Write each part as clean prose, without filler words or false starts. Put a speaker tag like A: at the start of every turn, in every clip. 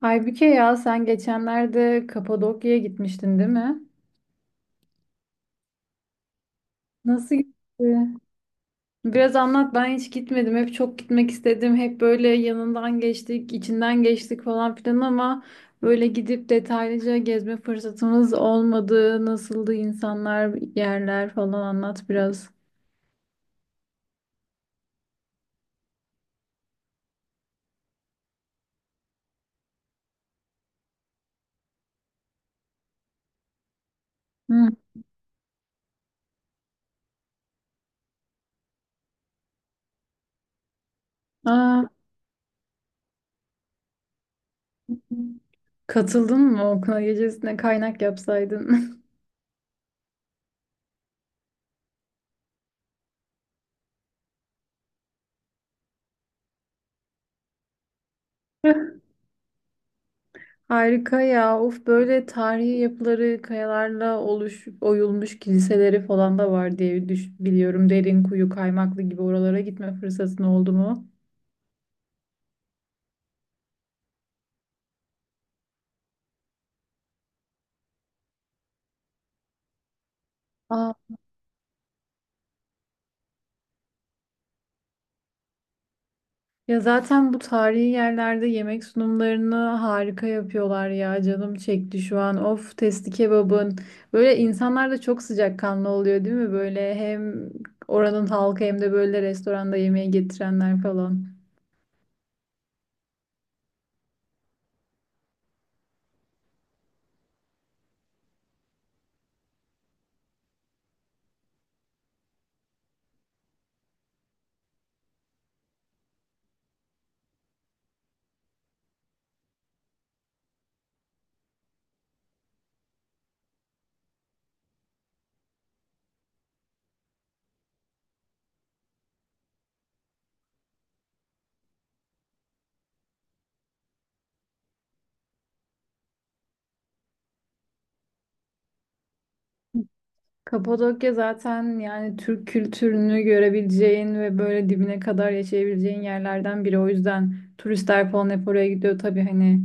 A: Halbuki ya sen geçenlerde Kapadokya'ya gitmiştin değil mi? Nasıl gitti? Biraz anlat ben hiç gitmedim. Hep çok gitmek istedim. Hep böyle yanından geçtik, içinden geçtik falan filan ama böyle gidip detaylıca gezme fırsatımız olmadı. Nasıldı insanlar, yerler falan anlat biraz. Hı. Aa, katıldın mı okula gecesine kaynak yapsaydın? Harika ya. Of böyle tarihi yapıları kayalarla oyulmuş kiliseleri falan da var diye biliyorum. Derinkuyu, Kaymaklı gibi oralara gitme fırsatın oldu mu? Aa, ya zaten bu tarihi yerlerde yemek sunumlarını harika yapıyorlar ya. Canım çekti şu an. Of testi kebabın. Böyle insanlar da çok sıcakkanlı oluyor değil mi? Böyle hem oranın halkı hem de böyle restoranda yemeği getirenler falan. Kapadokya zaten yani Türk kültürünü görebileceğin ve böyle dibine kadar yaşayabileceğin yerlerden biri. O yüzden turistler falan hep oraya gidiyor. Tabii hani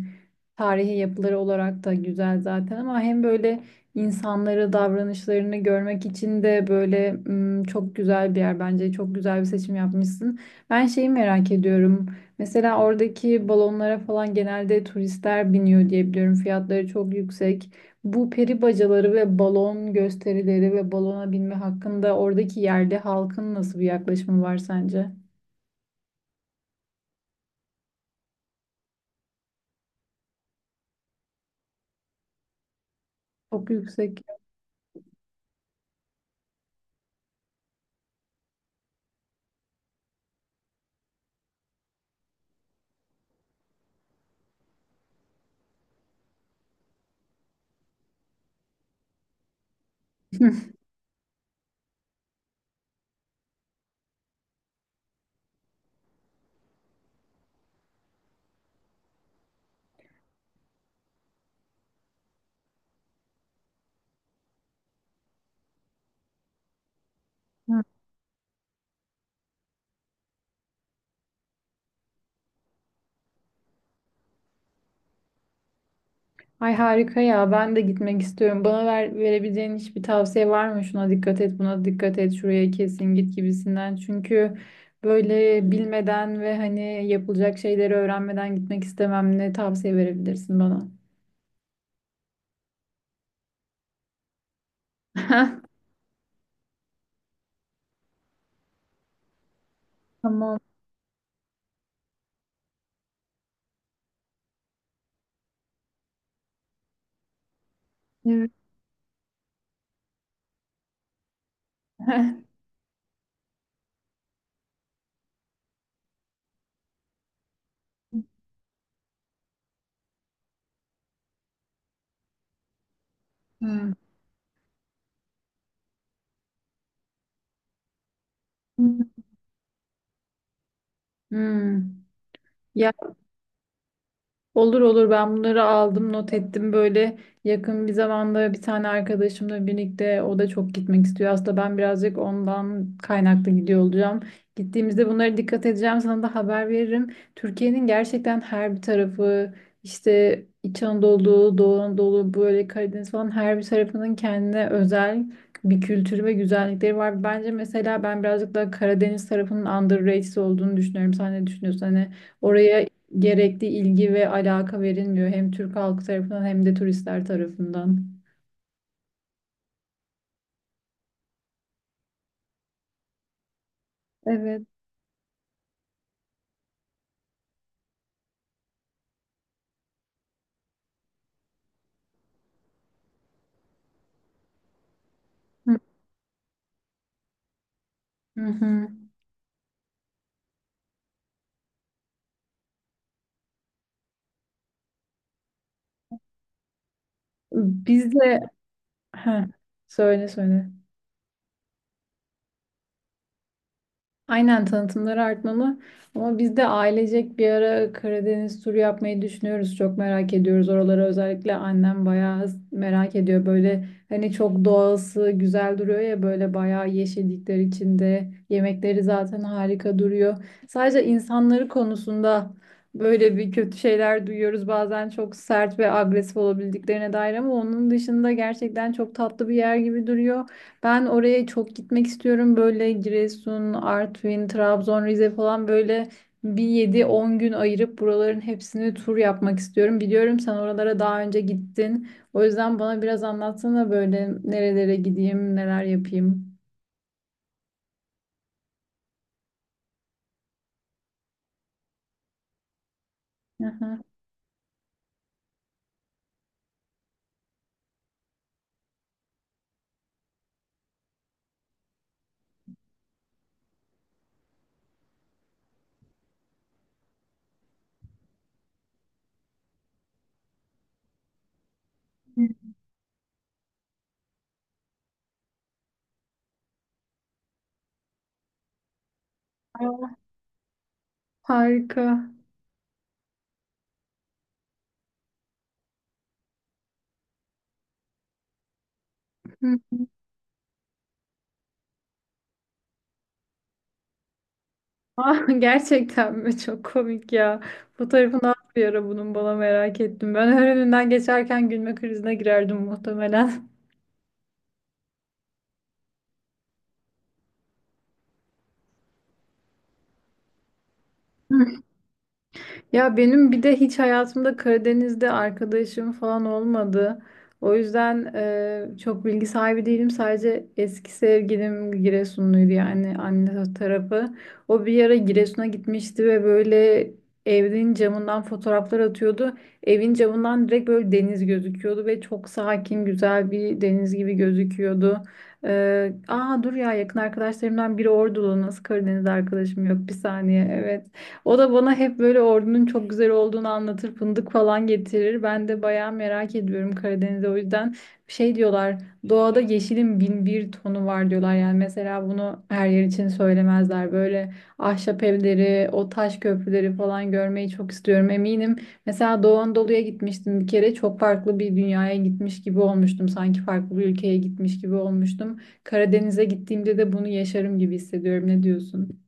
A: tarihi yapıları olarak da güzel zaten ama hem böyle insanları, davranışlarını görmek için de böyle çok güzel bir yer bence. Çok güzel bir seçim yapmışsın. Ben şeyi merak ediyorum. Mesela oradaki balonlara falan genelde turistler biniyor diye biliyorum. Fiyatları çok yüksek. Bu peri bacaları ve balon gösterileri ve balona binme hakkında oradaki yerli halkın nasıl bir yaklaşımı var sence? Çok yüksek. Ay harika ya ben de gitmek istiyorum. Bana verebileceğin hiçbir tavsiye var mı? Şuna dikkat et, buna dikkat et, şuraya kesin git gibisinden. Çünkü böyle bilmeden ve hani yapılacak şeyleri öğrenmeden gitmek istemem. Ne tavsiye verebilirsin bana? Tamam. Evet. Hmm. Hmm. Olur olur, ben bunları aldım not ettim, böyle yakın bir zamanda bir tane arkadaşımla birlikte o da çok gitmek istiyor. Aslında ben birazcık ondan kaynaklı gidiyor olacağım. Gittiğimizde bunlara dikkat edeceğim, sana da haber veririm. Türkiye'nin gerçekten her bir tarafı, işte İç Anadolu, Doğu Anadolu böyle Karadeniz falan, her bir tarafının kendine özel bir kültürü ve güzellikleri var. Bence mesela ben birazcık daha Karadeniz tarafının underrated olduğunu düşünüyorum. Sen ne düşünüyorsun? Hani oraya gerekli ilgi ve alaka verilmiyor hem Türk halkı tarafından hem de turistler tarafından. Evet. Hı hı. Biz de. Heh, söyle söyle. Aynen, tanıtımları artmalı. Ama biz de ailecek bir ara Karadeniz turu yapmayı düşünüyoruz. Çok merak ediyoruz oraları. Özellikle annem bayağı merak ediyor. Böyle hani çok doğası güzel duruyor ya, böyle bayağı yeşillikler içinde. Yemekleri zaten harika duruyor. Sadece insanları konusunda böyle bir kötü şeyler duyuyoruz. Bazen çok sert ve agresif olabildiklerine dair, ama onun dışında gerçekten çok tatlı bir yer gibi duruyor. Ben oraya çok gitmek istiyorum. Böyle Giresun, Artvin, Trabzon, Rize falan, böyle bir 7-10 gün ayırıp buraların hepsini tur yapmak istiyorum. Biliyorum sen oralara daha önce gittin. O yüzden bana biraz anlatsana, böyle nerelere gideyim, neler yapayım. Aha. Aa, harika. Hı. Ah, gerçekten mi? Çok komik ya. Fotoğrafını at bir ara bunun, bana merak ettim. Ben her önünden geçerken gülme krizine girerdim muhtemelen. Ya benim bir de hiç hayatımda Karadeniz'de arkadaşım falan olmadı. O yüzden çok bilgi sahibi değilim. Sadece eski sevgilim Giresunluydu, yani anne tarafı. O bir ara Giresun'a gitmişti ve böyle evin camından fotoğraflar atıyordu. Evin camından direkt böyle deniz gözüküyordu ve çok sakin, güzel bir deniz gibi gözüküyordu. Aa, dur ya, yakın arkadaşlarımdan biri Ordulu. Nasıl Karadeniz arkadaşım yok? Bir saniye. Evet. O da bana hep böyle ordunun çok güzel olduğunu anlatır, fındık falan getirir. Ben de bayağı merak ediyorum Karadeniz'i. O yüzden şey diyorlar, doğada yeşilin bin bir tonu var diyorlar. Yani mesela bunu her yer için söylemezler. Böyle ahşap evleri, o taş köprüleri falan görmeyi çok istiyorum, eminim. Mesela Doğu Anadolu'ya gitmiştim bir kere. Çok farklı bir dünyaya gitmiş gibi olmuştum. Sanki farklı bir ülkeye gitmiş gibi olmuştum. Karadeniz'e gittiğimde de bunu yaşarım gibi hissediyorum. Ne diyorsun?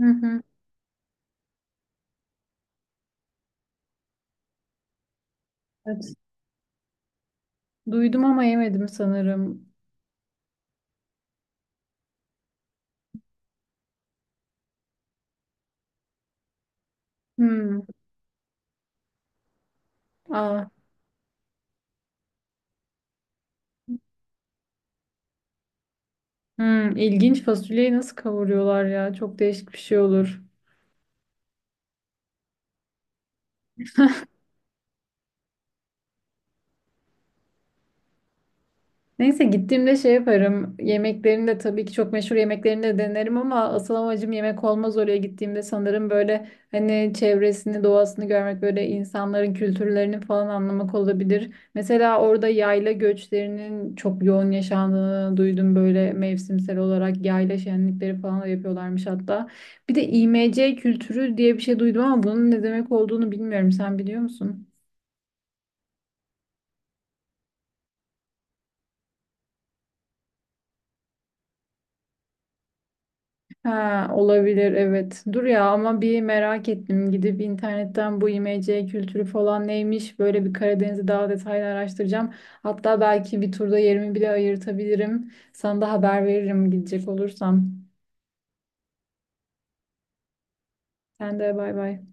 A: Hı hı. Evet. Duydum ama yemedim sanırım. Hmm. Aa. Hmm. İlginç, fasulyeyi nasıl kavuruyorlar ya? Çok değişik bir şey olur. Neyse, gittiğimde şey yaparım. Yemeklerinde tabii ki çok meşhur yemeklerini de denerim, ama asıl amacım yemek olmaz oraya gittiğimde sanırım, böyle hani çevresini, doğasını görmek, böyle insanların kültürlerini falan anlamak olabilir. Mesela orada yayla göçlerinin çok yoğun yaşandığını duydum, böyle mevsimsel olarak yayla şenlikleri falan da yapıyorlarmış hatta. Bir de İMC kültürü diye bir şey duydum ama bunun ne demek olduğunu bilmiyorum. Sen biliyor musun? Ha, olabilir, evet. Dur ya ama bir merak ettim. Gidip internetten bu IMC kültürü falan neymiş, böyle bir Karadeniz'i daha detaylı araştıracağım. Hatta belki bir turda yerimi bile ayırtabilirim. Sana da haber veririm gidecek olursam. Sen de bay bay.